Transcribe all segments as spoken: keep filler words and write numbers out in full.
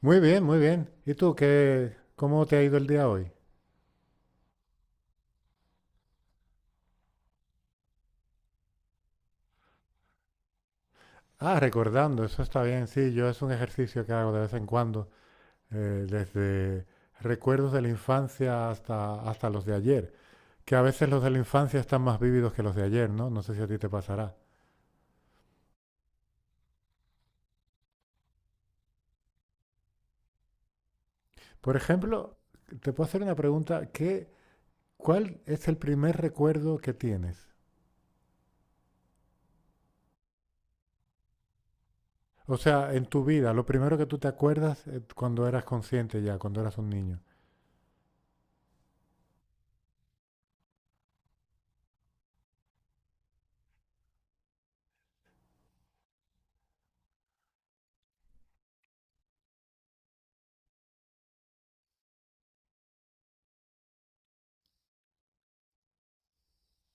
Muy bien, muy bien. ¿Y tú qué, cómo te ha ido el día hoy? Ah, recordando, eso está bien, sí, yo es un ejercicio que hago de vez en cuando, eh, desde recuerdos de la infancia hasta, hasta los de ayer, que a veces los de la infancia están más vívidos que los de ayer, ¿no? No sé si a ti te pasará. Por ejemplo, te puedo hacer una pregunta, ¿qué, cuál es el primer recuerdo que tienes? O sea, en tu vida, lo primero que tú te acuerdas eh, cuando eras consciente ya, cuando eras un niño.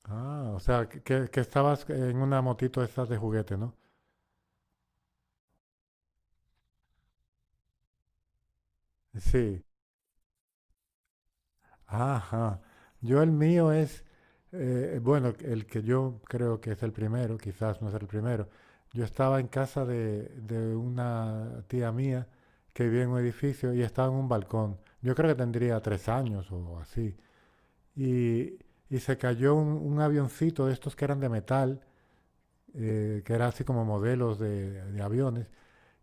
Ah, o sea, que, que- que estabas en una motito de estas de juguete, ¿no? Sí. Ajá. Yo el mío es, eh, bueno, el que yo creo que es el primero, quizás no es el primero. Yo estaba en casa de, de una tía mía que vivía en un edificio y estaba en un balcón. Yo creo que tendría tres años o así. Y, y se cayó un, un avioncito de estos que eran de metal, eh, que era así como modelos de de aviones.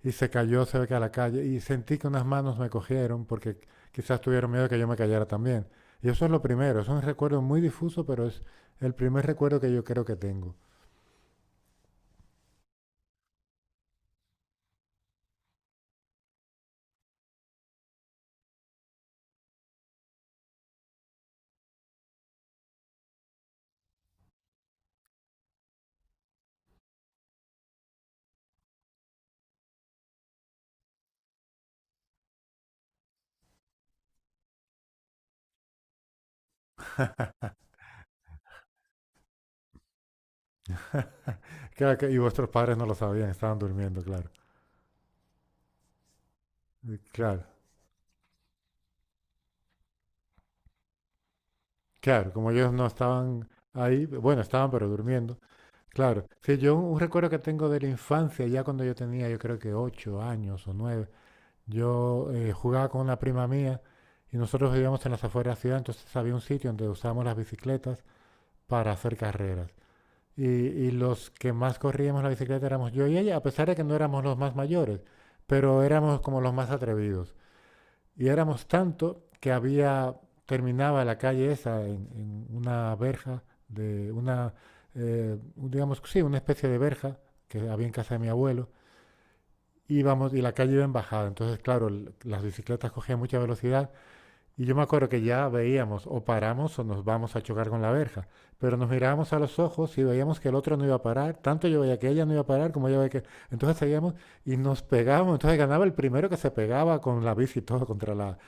Y se cayó cerca de la calle y sentí que unas manos me cogieron porque quizás tuvieron miedo de que yo me cayera también. Y eso es lo primero, es un recuerdo muy difuso, pero es el primer recuerdo que yo creo que tengo. Claro que- y vuestros padres no lo sabían, estaban durmiendo, claro. Eh, Claro, claro, como ellos no estaban ahí, bueno, estaban pero durmiendo. Claro, sí, yo un, un recuerdo que tengo de la infancia, ya cuando yo tenía, yo creo que ocho años o nueve. Yo eh, jugaba con una prima mía y nosotros vivíamos en las afueras de la ciudad, entonces había un sitio donde usábamos las bicicletas para hacer carreras. Y, y los que más corríamos la bicicleta éramos yo y ella, a pesar de que no éramos los más mayores, pero éramos como los más atrevidos. Y éramos tanto que había, terminaba la calle esa en, en una verja de una, eh, digamos, sí, una especie de verja que había en casa de mi abuelo, y vamos y la calle iba en bajada. Entonces, claro, l- las bicicletas cogían mucha velocidad y yo me acuerdo que ya veíamos o paramos o nos vamos a chocar con la verja. Pero nos mirábamos a los ojos y veíamos que el otro no iba a parar. Tanto yo veía que ella no iba a parar como ella veía que… Entonces seguíamos y nos pegábamos. Entonces ganaba el primero que se pegaba con la bici y todo contra la…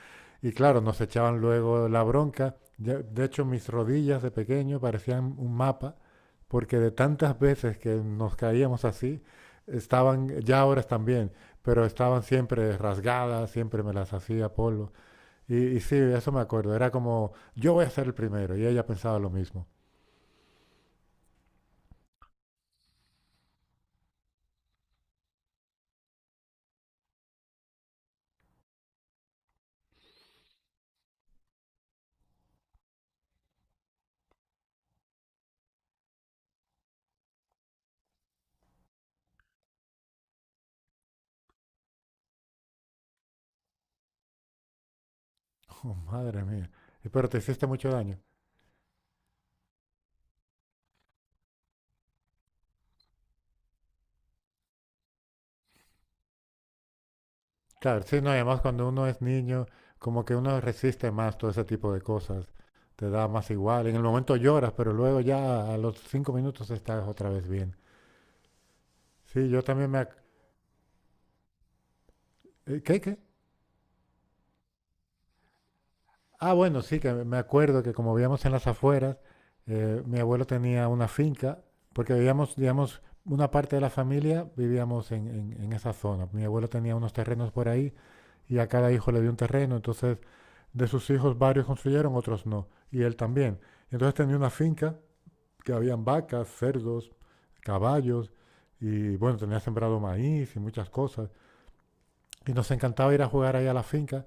Y claro, nos echaban luego la bronca. Ya- De hecho, mis rodillas de pequeño parecían un mapa porque de tantas veces que nos caíamos así, estaban, ya ahora están bien, pero estaban siempre rasgadas, siempre me las hacía polvo. Y y sí, eso me acuerdo, era como, yo voy a ser el primero, y ella pensaba lo mismo. Oh, madre mía, y pero te hiciste mucho daño. Claro, sí, no, y además cuando uno es niño, como que uno resiste más todo ese tipo de cosas, te da más igual, en el momento lloras, pero luego ya a los cinco minutos estás otra vez bien. Sí, yo también me… ac- eh, ¿Qué, qué? Ah, bueno, sí, que me acuerdo que como vivíamos en las afueras, eh, mi abuelo tenía una finca, porque vivíamos, digamos, una parte de la familia vivíamos en, en- en esa zona. Mi abuelo tenía unos terrenos por ahí y a cada hijo le dio un terreno, entonces de sus hijos varios construyeron, otros no, y él también. Entonces tenía una finca que habían vacas, cerdos, caballos, y bueno, tenía sembrado maíz y muchas cosas. Y nos encantaba ir a jugar ahí a la finca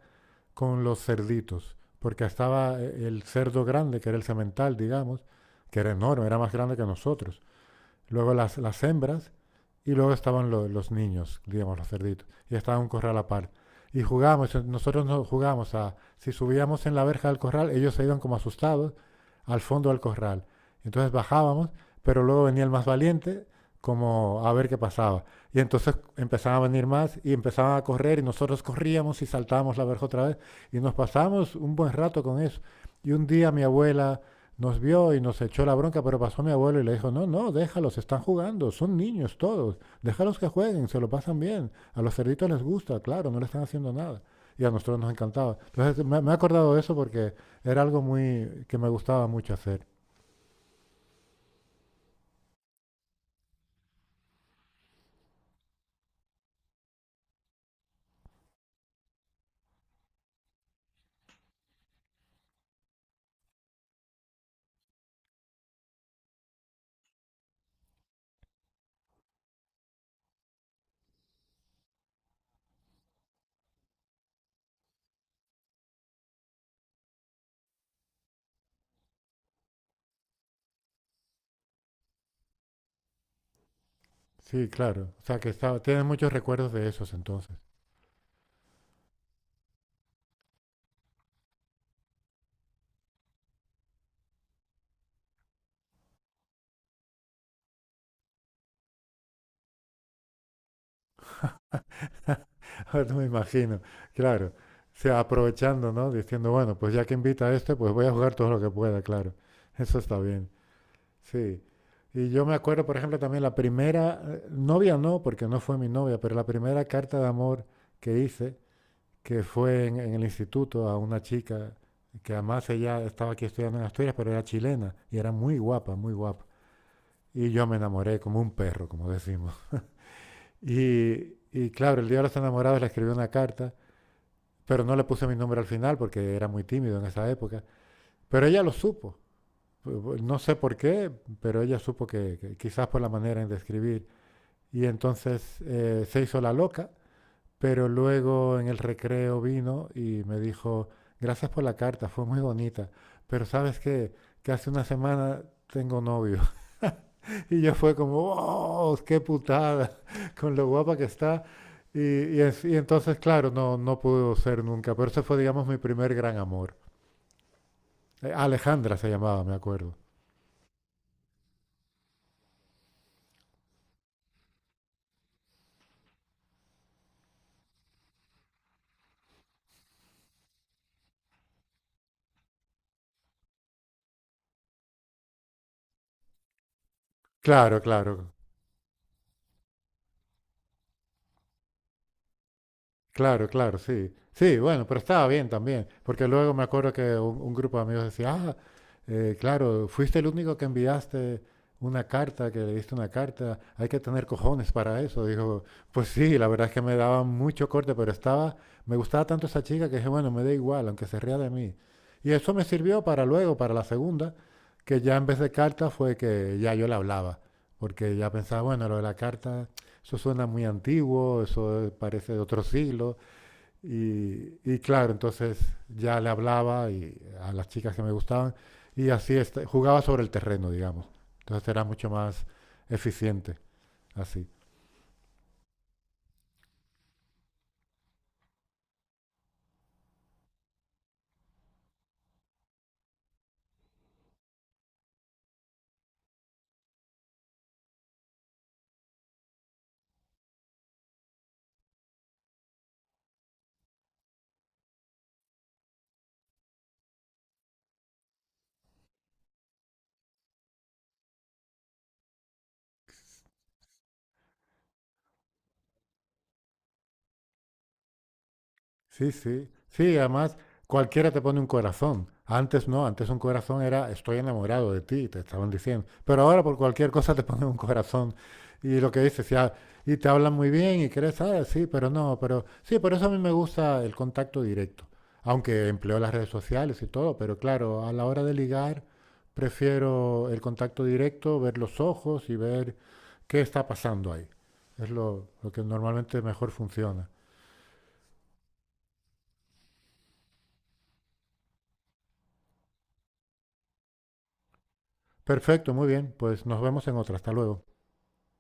con los cerditos, porque estaba eh, el cerdo grande, que era el semental, digamos, que era enorme, era más grande que nosotros. Luego las, las hembras y luego estaban lo- los niños, digamos, los cerditos, y estaba un corral a par. Y jugábamos, eh, nosotros no jugábamos a, si subíamos en la verja del corral, ellos se iban como asustados al fondo del corral. Entonces bajábamos, pero luego venía el más valiente como a ver qué pasaba. Y entonces empezaban a venir más y empezaban a correr y nosotros corríamos y saltábamos la verja otra vez y nos pasamos un buen rato con eso. Y un día mi abuela nos vio y nos echó la bronca, pero pasó mi abuelo y le dijo, no, no, déjalos, están jugando, son niños todos. Déjalos que jueguen, se lo pasan bien. A los cerditos les gusta, claro, no le están haciendo nada. Y a nosotros nos encantaba. Entonces me, me he acordado de eso porque era algo muy que me gustaba mucho hacer. Sí, claro. O sea que estaba, tienes muchos recuerdos de esos entonces. Ahora no me imagino, claro. O sea, aprovechando, ¿no? Diciendo, bueno, pues ya que invita a este, pues voy a jugar todo lo que pueda, claro. Eso está bien. Sí. Y yo me acuerdo, por ejemplo, también la primera, eh, novia no, porque no fue mi novia, pero la primera carta de amor que hice que fue en, en el instituto a una chica que además ella estaba aquí estudiando en Asturias, pero era chilena y era muy guapa, muy guapa. Y yo me enamoré como un perro, como decimos. Y y claro, el día de los enamorados le escribí una carta, pero no le puse mi nombre al final porque era muy tímido en esa época. Pero ella lo supo. No sé por qué, pero ella supo que, que quizás por la manera en de escribir. Y entonces eh, se hizo la loca. Pero luego en el recreo vino y me dijo, gracias por la carta, fue muy bonita, pero sabes qué, que hace una semana tengo novio. Y yo fue como, oh, qué putada, con lo guapa que está. Y, y es- y entonces, claro, no, no pudo ser nunca, pero ese fue, digamos, mi primer gran amor. Eh, Alejandra se llamaba, me acuerdo. Claro, claro. Claro, claro, sí. Sí, bueno, pero estaba bien también, porque luego me acuerdo que un, un grupo de amigos decía, ah, eh, claro, fuiste el único que enviaste una carta, que le diste una carta, hay que tener cojones para eso. Dijo, pues sí, la verdad es que me daba mucho corte, pero estaba, me gustaba tanto esa chica que dije, bueno, me da igual, aunque se ría de mí. Y eso me sirvió para luego, para la segunda, que ya en vez de carta fue que ya yo le hablaba, porque ya pensaba, bueno, lo de la carta eso suena muy antiguo, eso parece de otro siglo. Y y claro, entonces ya le hablaba y a las chicas que me gustaban y así est- jugaba sobre el terreno, digamos. Entonces era mucho más eficiente así. Sí, sí. Sí, además cualquiera te pone un corazón. Antes no, antes un corazón era estoy enamorado de ti, te estaban diciendo. Pero ahora por cualquier cosa te ponen un corazón. Y lo que dices, ya, y te hablan muy bien y crees, ah, sí, pero no, pero sí, por eso a mí me gusta el contacto directo. Aunque empleo las redes sociales y todo, pero claro, a la hora de ligar prefiero el contacto directo, ver los ojos y ver qué está pasando ahí. Es lo, lo que normalmente mejor funciona. Perfecto, muy bien. Pues nos vemos en otra. Hasta luego.